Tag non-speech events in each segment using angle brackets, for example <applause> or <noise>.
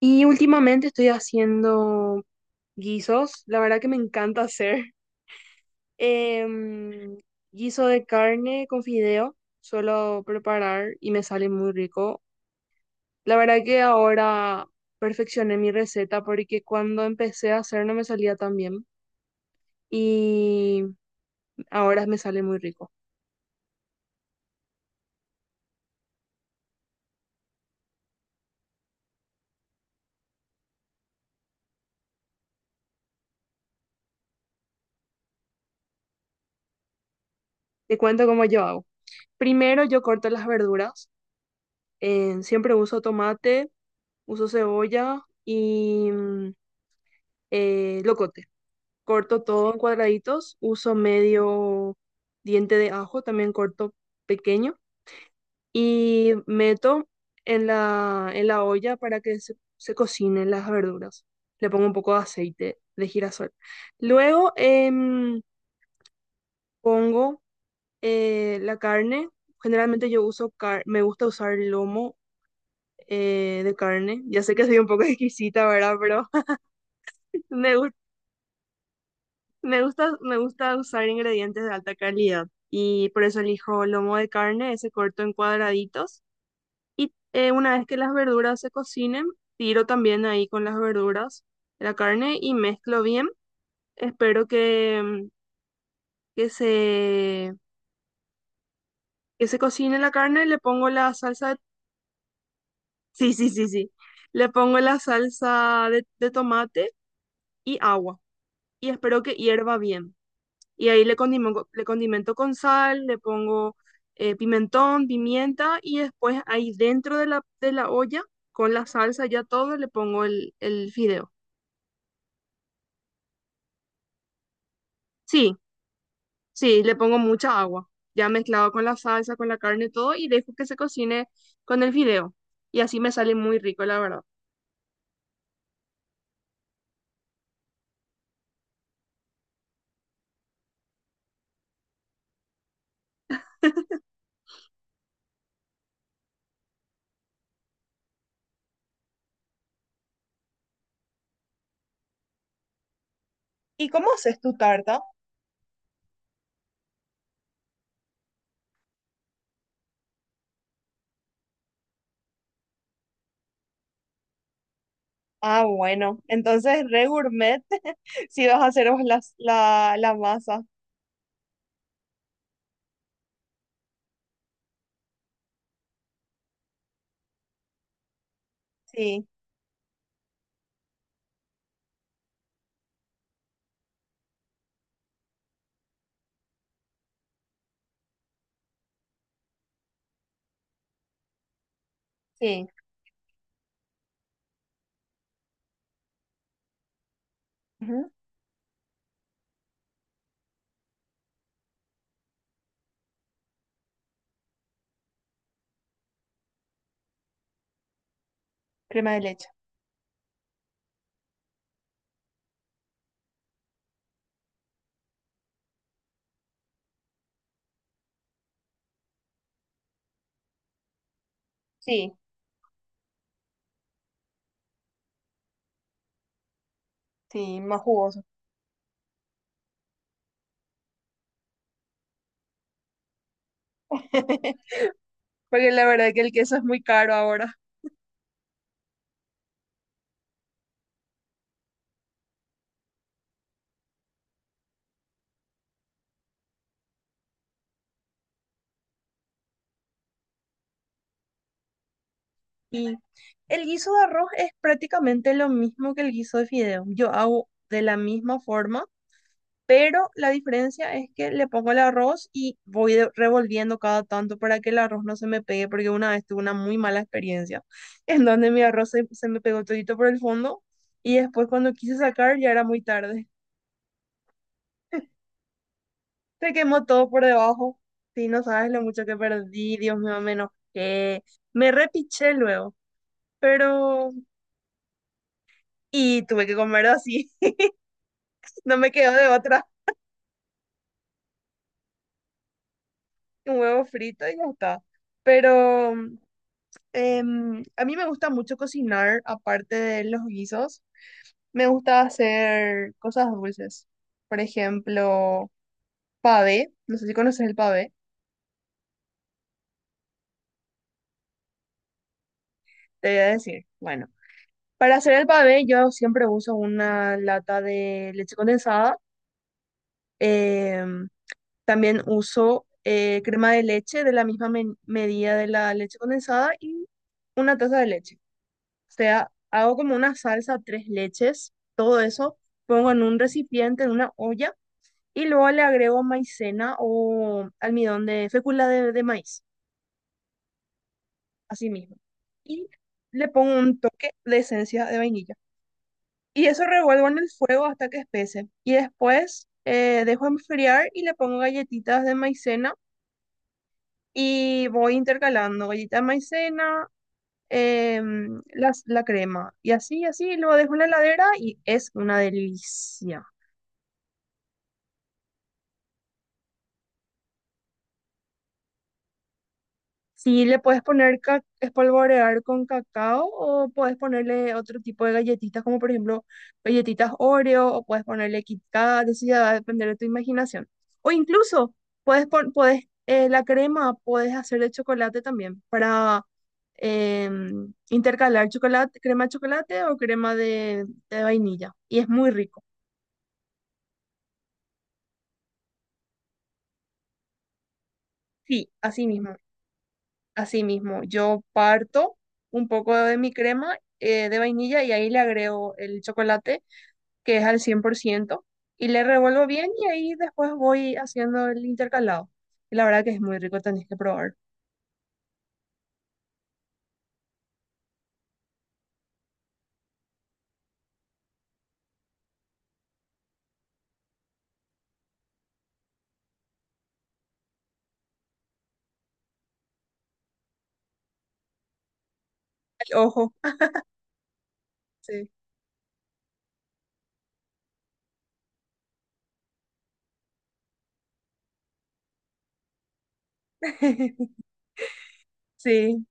Y últimamente estoy haciendo guisos, la verdad que me encanta hacer. <laughs> Em, guiso de carne con fideo, suelo preparar y me sale muy rico. La verdad que ahora perfeccioné mi receta porque cuando empecé a hacer no me salía tan bien y ahora me sale muy rico. Te cuento cómo yo hago. Primero yo corto las verduras, siempre uso tomate, uso cebolla y locote. Corto todo en cuadraditos, uso medio diente de ajo, también corto pequeño, y meto en la olla para que se cocinen las verduras. Le pongo un poco de aceite de girasol. Luego pongo la carne. Generalmente yo uso, me gusta usar lomo de carne. Ya sé que soy un poco <laughs> exquisita, ¿verdad? Pero <laughs> me gusta. Me gusta, me gusta usar ingredientes de alta calidad y por eso elijo lomo de carne, ese corto en cuadraditos. Y una vez que las verduras se cocinen, tiro también ahí con las verduras la carne y mezclo bien. Espero que se, que se cocine la carne, le pongo la salsa de. Sí, sí, sí, sí. Le pongo la salsa de tomate y agua y espero que hierva bien. Y ahí le condimento con sal, le pongo pimentón, pimienta y después ahí dentro de la olla, con la salsa ya todo, le pongo el fideo. Sí, sí, le pongo mucha agua, ya mezclado con la salsa, con la carne, todo y dejo que se cocine con el fideo. Y así me sale muy rico, la verdad. ¿Y cómo haces tu tarta? Ah, bueno, entonces re gourmet <laughs> si vas a hacer vos la masa. Sí, sí. Ujú, crema de leche. Sí. Sí, más jugoso. <laughs> Porque la verdad que el queso es muy caro ahora. Y el guiso de arroz es prácticamente lo mismo que el guiso de fideo. Yo hago de la misma forma, pero la diferencia es que le pongo el arroz y voy revolviendo cada tanto para que el arroz no se me pegue, porque una vez tuve una muy mala experiencia <laughs> en donde mi arroz se me pegó todito por el fondo y después cuando quise sacar ya era muy tarde. Se quemó todo por debajo. Sí, no sabes lo mucho que perdí, Dios mío, me enojé. Me repiché luego, pero. Y tuve que comer así, <laughs> no me quedó de otra. Un huevo frito y ya está. Pero a mí me gusta mucho cocinar, aparte de los guisos. Me gusta hacer cosas dulces. Por ejemplo, pavé. No sé si conoces el pavé. Te voy a decir. Bueno, para hacer el pavé yo siempre uso una lata de leche condensada. Em, también uso crema de leche de la misma medida de la leche condensada y una taza de leche. O sea, hago como una salsa, tres leches, todo eso, pongo en un recipiente, en una olla, y luego le agrego maicena o almidón de fécula de maíz, así mismo. Y le pongo un toque de esencia de vainilla. Y eso revuelvo en el fuego hasta que espese. Y después dejo enfriar y le pongo galletitas de maicena y voy intercalando galleta de maicena, la crema y así, así, lo dejo en la heladera y es una delicia. Sí, le puedes poner espolvorear con cacao o puedes ponerle otro tipo de galletitas, como por ejemplo galletitas Oreo o puedes ponerle Kit Kat, eso ya va a depender de tu imaginación. O incluso puedes la crema puedes hacer de chocolate también para intercalar chocolate, crema de chocolate o crema de vainilla y es muy rico. Sí, así mismo. Así mismo, yo parto un poco de mi crema de vainilla y ahí le agrego el chocolate, que es al 100% y le revuelvo bien y ahí después voy haciendo el intercalado. Y la verdad que es muy rico, tenés que probar. Ay, ojo, sí. <laughs> Sí,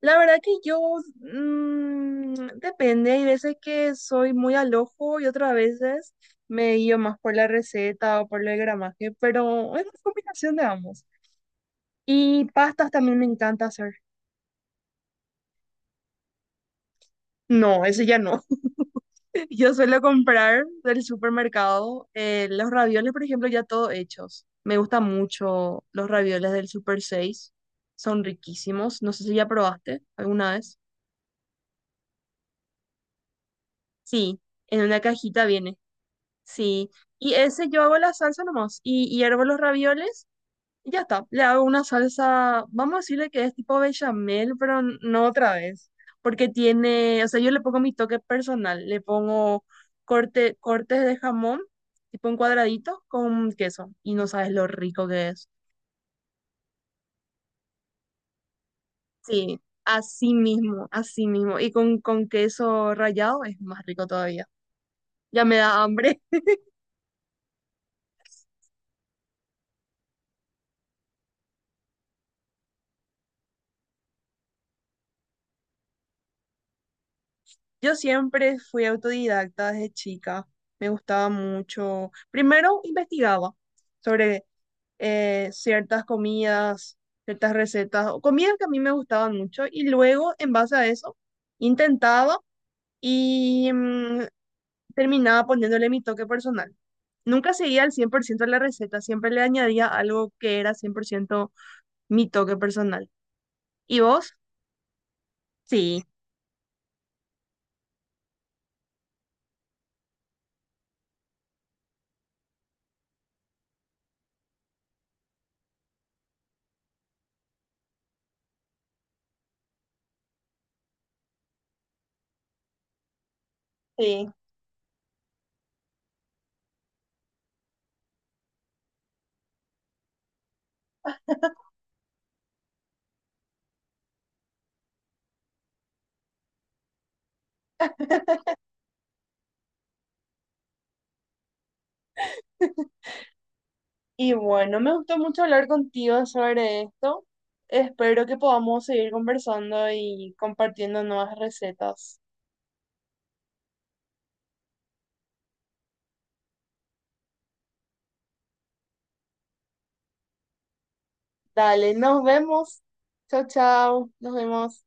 la verdad que yo depende, hay veces que soy muy al ojo y otras veces me guío más por la receta o por el gramaje, pero es una combinación de ambos. Y pastas también me encanta hacer. No, eso ya no. <laughs> Yo suelo comprar del supermercado los ravioles, por ejemplo, ya todo hechos. Me gustan mucho los ravioles del Super 6. Son riquísimos. No sé si ya probaste alguna vez. Sí, en una cajita viene. Sí. Y ese yo hago la salsa nomás. Y hiervo los ravioles. Y ya está, le hago una salsa, vamos a decirle que es tipo bechamel, pero no otra vez, porque tiene, o sea, yo le pongo mi toque personal, le pongo cortes de jamón, tipo en cuadraditos, con queso, y no sabes lo rico que es. Sí, así mismo, y con, queso rallado es más rico todavía. Ya me da hambre. <laughs> Yo siempre fui autodidacta desde chica, me gustaba mucho. Primero investigaba sobre ciertas comidas, ciertas recetas, o comidas que a mí me gustaban mucho y luego en base a eso intentaba y terminaba poniéndole mi toque personal. Nunca seguía al 100% la receta, siempre le añadía algo que era 100% mi toque personal. ¿Y vos? Sí. Sí, y bueno, me gustó mucho hablar contigo sobre esto. Espero que podamos seguir conversando y compartiendo nuevas recetas. Dale, nos vemos. Chao, chao. Nos vemos.